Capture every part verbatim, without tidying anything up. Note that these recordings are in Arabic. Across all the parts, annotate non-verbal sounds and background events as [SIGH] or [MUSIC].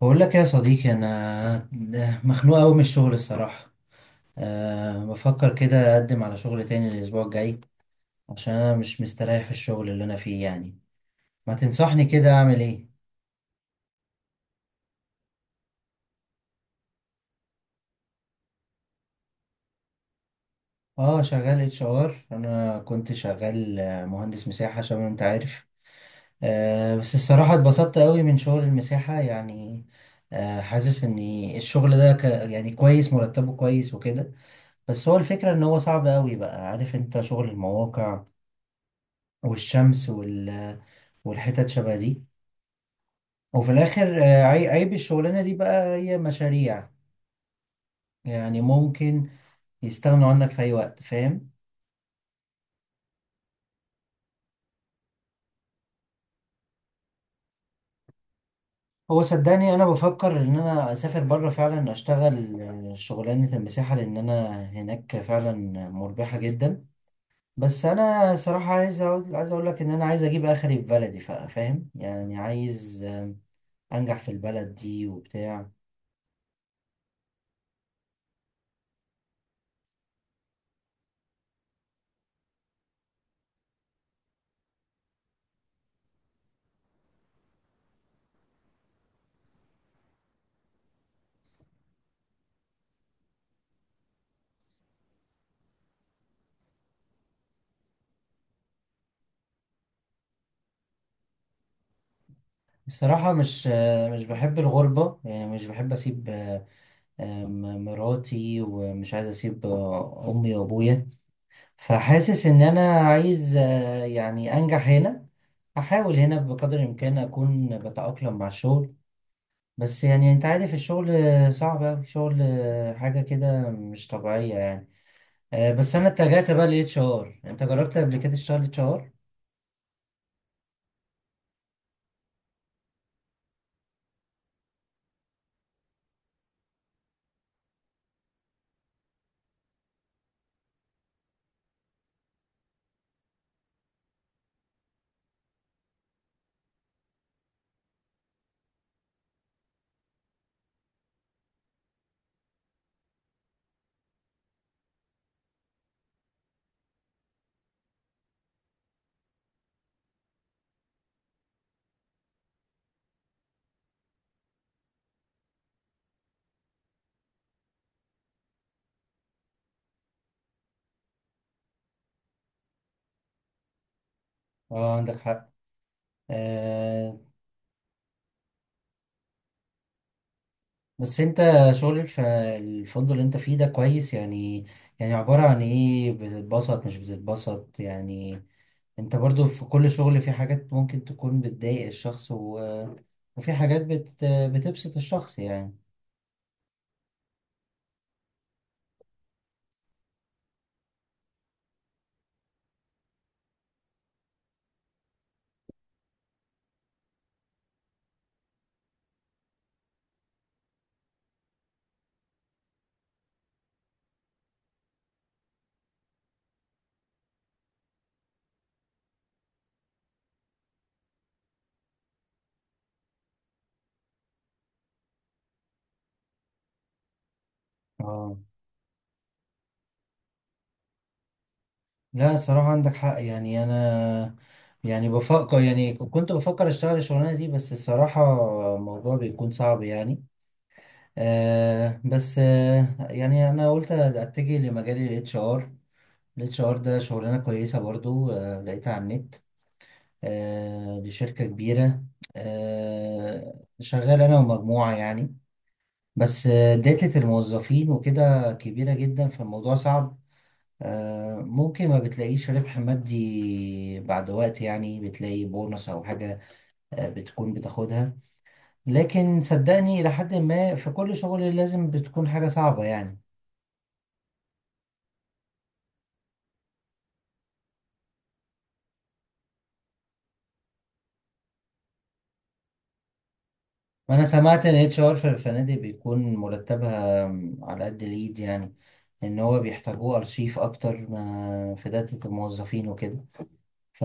بقول لك يا صديقي، انا ده مخنوق قوي من الشغل الصراحه. أه بفكر كده اقدم على شغل تاني الاسبوع الجاي، عشان انا مش مستريح في الشغل اللي انا فيه يعني. ما تنصحني كده اعمل ايه؟ اه، شغال اتش ار. انا كنت شغال آه، مهندس مساحه، عشان انت عارف. أه بس الصراحه اتبسطت قوي من شغل المساحه يعني. أه حاسس ان الشغل ده ك يعني كويس، مرتبه كويس وكده. بس هو الفكره ان هو صعب قوي بقى. عارف انت شغل المواقع والشمس وال والحتت شبه دي، وفي الاخر آه، عي- عيب الشغلانه دي بقى هي مشاريع. يعني ممكن يستغنوا عنك في اي وقت، فاهم. هو صدقني انا بفكر ان انا اسافر بره، فعلا اشتغل آه، شغلانه المساحه، لان انا هناك فعلا مربحه جدا. بس انا صراحه عايز أقول- عايز اقول لك ان انا عايز اجيب اخري في بلدي، فا- فاهم يعني، عايز آم، انجح في البلد دي وبتاع. الصراحه مش آه، مش بحب الغربه يعني، مش بحب اسيب آه، آم، مراتي، ومش عايز اسيب آه، امي وابويا. فحاسس ان انا عايز آه، يعني انجح هنا، احاول هنا بقدر الامكان اكون بتاقلم مع الشغل. بس يعني انت عارف الشغل آه، صعب اوي، شغل آه، حاجه كده مش طبيعيه يعني. آه، بس انا اتجهت بقى للاتش ار. انت جربت قبل كده تشتغل اتش ار؟ اه، عندك حق. آه، بس انت، شغل في الفندق اللي انت فيه ده كويس يعني؟ يعني عبارة عن ايه، بتتبسط مش بتتبسط يعني؟ انت برضو في كل شغل في حاجات ممكن تكون بتضايق الشخص، و... وفي حاجات بت... بتبسط الشخص يعني. اه، لا صراحة عندك حق يعني. انا يعني بفكر، يعني كنت بفكر اشتغل الشغلانة دي، بس الصراحة الموضوع بيكون صعب يعني. آه بس آه يعني انا قلت اتجه لمجال الاتش ار. الاتش ار ده شغلانه كويسه برضو، آه، لقيتها على النت، آه، لشركه كبيره، آه، شغال انا ومجموعه يعني. بس آه، داتا الموظفين وكده كبيره جدا، فالموضوع صعب. آه، ممكن ما بتلاقيش ربح مادي، بعد وقت يعني بتلاقي بونص او حاجه آه، بتكون بتاخدها. لكن صدقني، الى حد ما في كل شغل لازم بتكون حاجه صعبه يعني. وانا سمعت ان اتش ار في الفنادق بيكون مرتبها على قد الايد يعني، ان هو بيحتاجوه ارشيف اكتر، ما في داتا الموظفين وكده. ف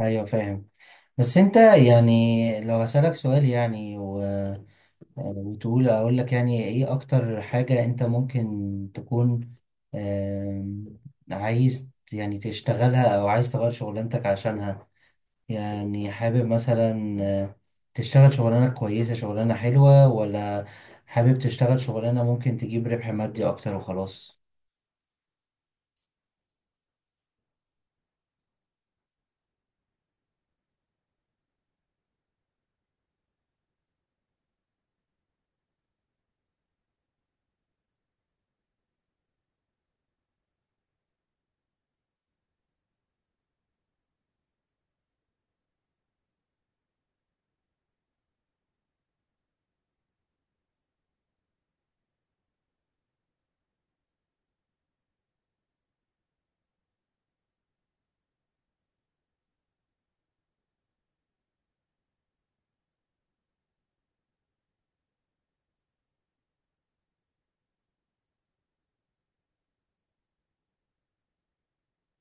ايوه، فاهم. بس انت يعني لو هسألك سؤال يعني، و... وتقول اقول لك يعني ايه اكتر حاجة انت ممكن تكون آم، عايز يعني تشتغلها، او عايز تغير شغلانتك عشانها؟ يعني حابب مثلا آه، تشتغل شغلانة كويسة، شغلانة حلوة، ولا حابب تشتغل شغلانة ممكن تجيب ربح مادي أكتر وخلاص؟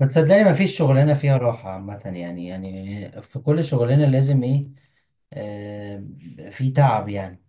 بس صدقني مفيش شغلانة فيها راحة عامة يعني، يعني في كل شغلانة لازم إيه، آه في تعب يعني.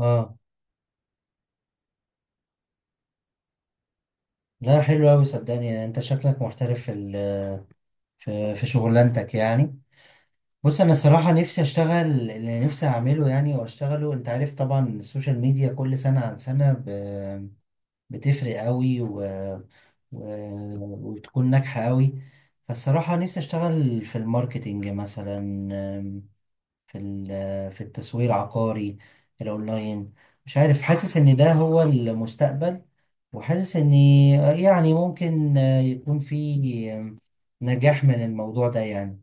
اه، لا حلو أوي صدقني، يعني أنت شكلك محترف في ال- في في شغلانتك يعني. بص أنا الصراحة نفسي أشتغل اللي نفسي أعمله يعني، وأشتغله. أنت عارف طبعا السوشيال ميديا كل سنة عن سنة بتفرق قوي و... و... وتكون ناجحة قوي. فالصراحة نفسي أشتغل في الماركتينج مثلا، آم، في ال... في التسويق العقاري الأونلاين. مش عارف، حاسس إن ده هو المستقبل، وحاسس إن يعني ممكن آه، يكون في آم، نجاح من الموضوع ده يعني.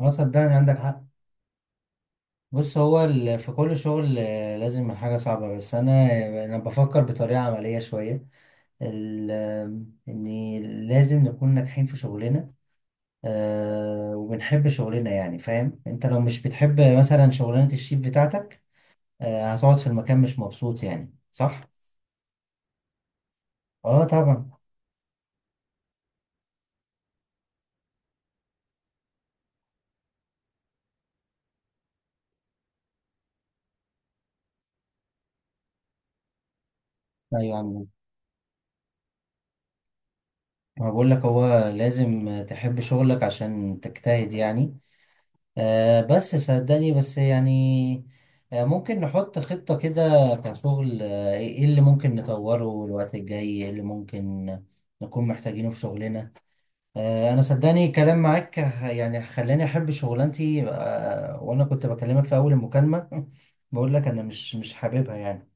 هو صدقني عندك حق. بص هو ال... في كل شغل آه، لازم الحاجة صعبة. بس أنا أنا بفكر بطريقة عملية شوية، ال- ان لازم نكون ناجحين في شغلنا، آه، وبنحب شغلنا يعني. فاهم انت لو مش بتحب مثلا شغلانة الشيف بتاعتك، آه، هتقعد في المكان مش مبسوط يعني، صح؟ اه طبعا. ايوه، عم. ما بقول لك هو لازم تحب شغلك عشان تجتهد يعني. آه، بس صدقني، بس يعني آه، ممكن نحط خطة كده كشغل. آه، ايه اللي ممكن نطوره الوقت الجاي، ايه اللي ممكن نكون محتاجينه في شغلنا؟ آه، انا صدقني كلام معاك ه- يعني خلاني احب شغلانتي، آه، وانا كنت بكلمك في اول المكالمة [LAUGHS] بقول لك انا مش مش حاببها يعني.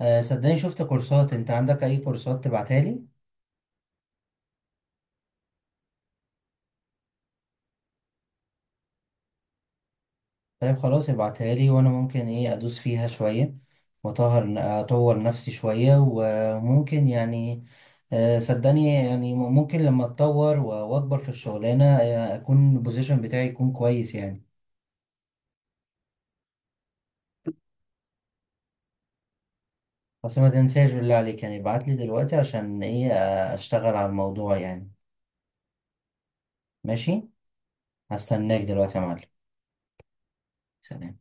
آه، صدقني شفت كورسات. انت عندك اي كورسات تبعتها لي؟ طيب خلاص ابعتها لي وانا ممكن ايه ادوس فيها شوية، واطهر اطور نفسي شوية، وممكن يعني آه، صدقني يعني ممكن لما اتطور و- واكبر في الشغلانة، آه، اكون البوزيشن بتاعي يكون كويس يعني. بس ما تنساش بالله عليك يعني، ابعت لي دلوقتي عشان ايه آه، اشتغل على الموضوع يعني. ماشي، هستناك دلوقتي يا معلم. سلام.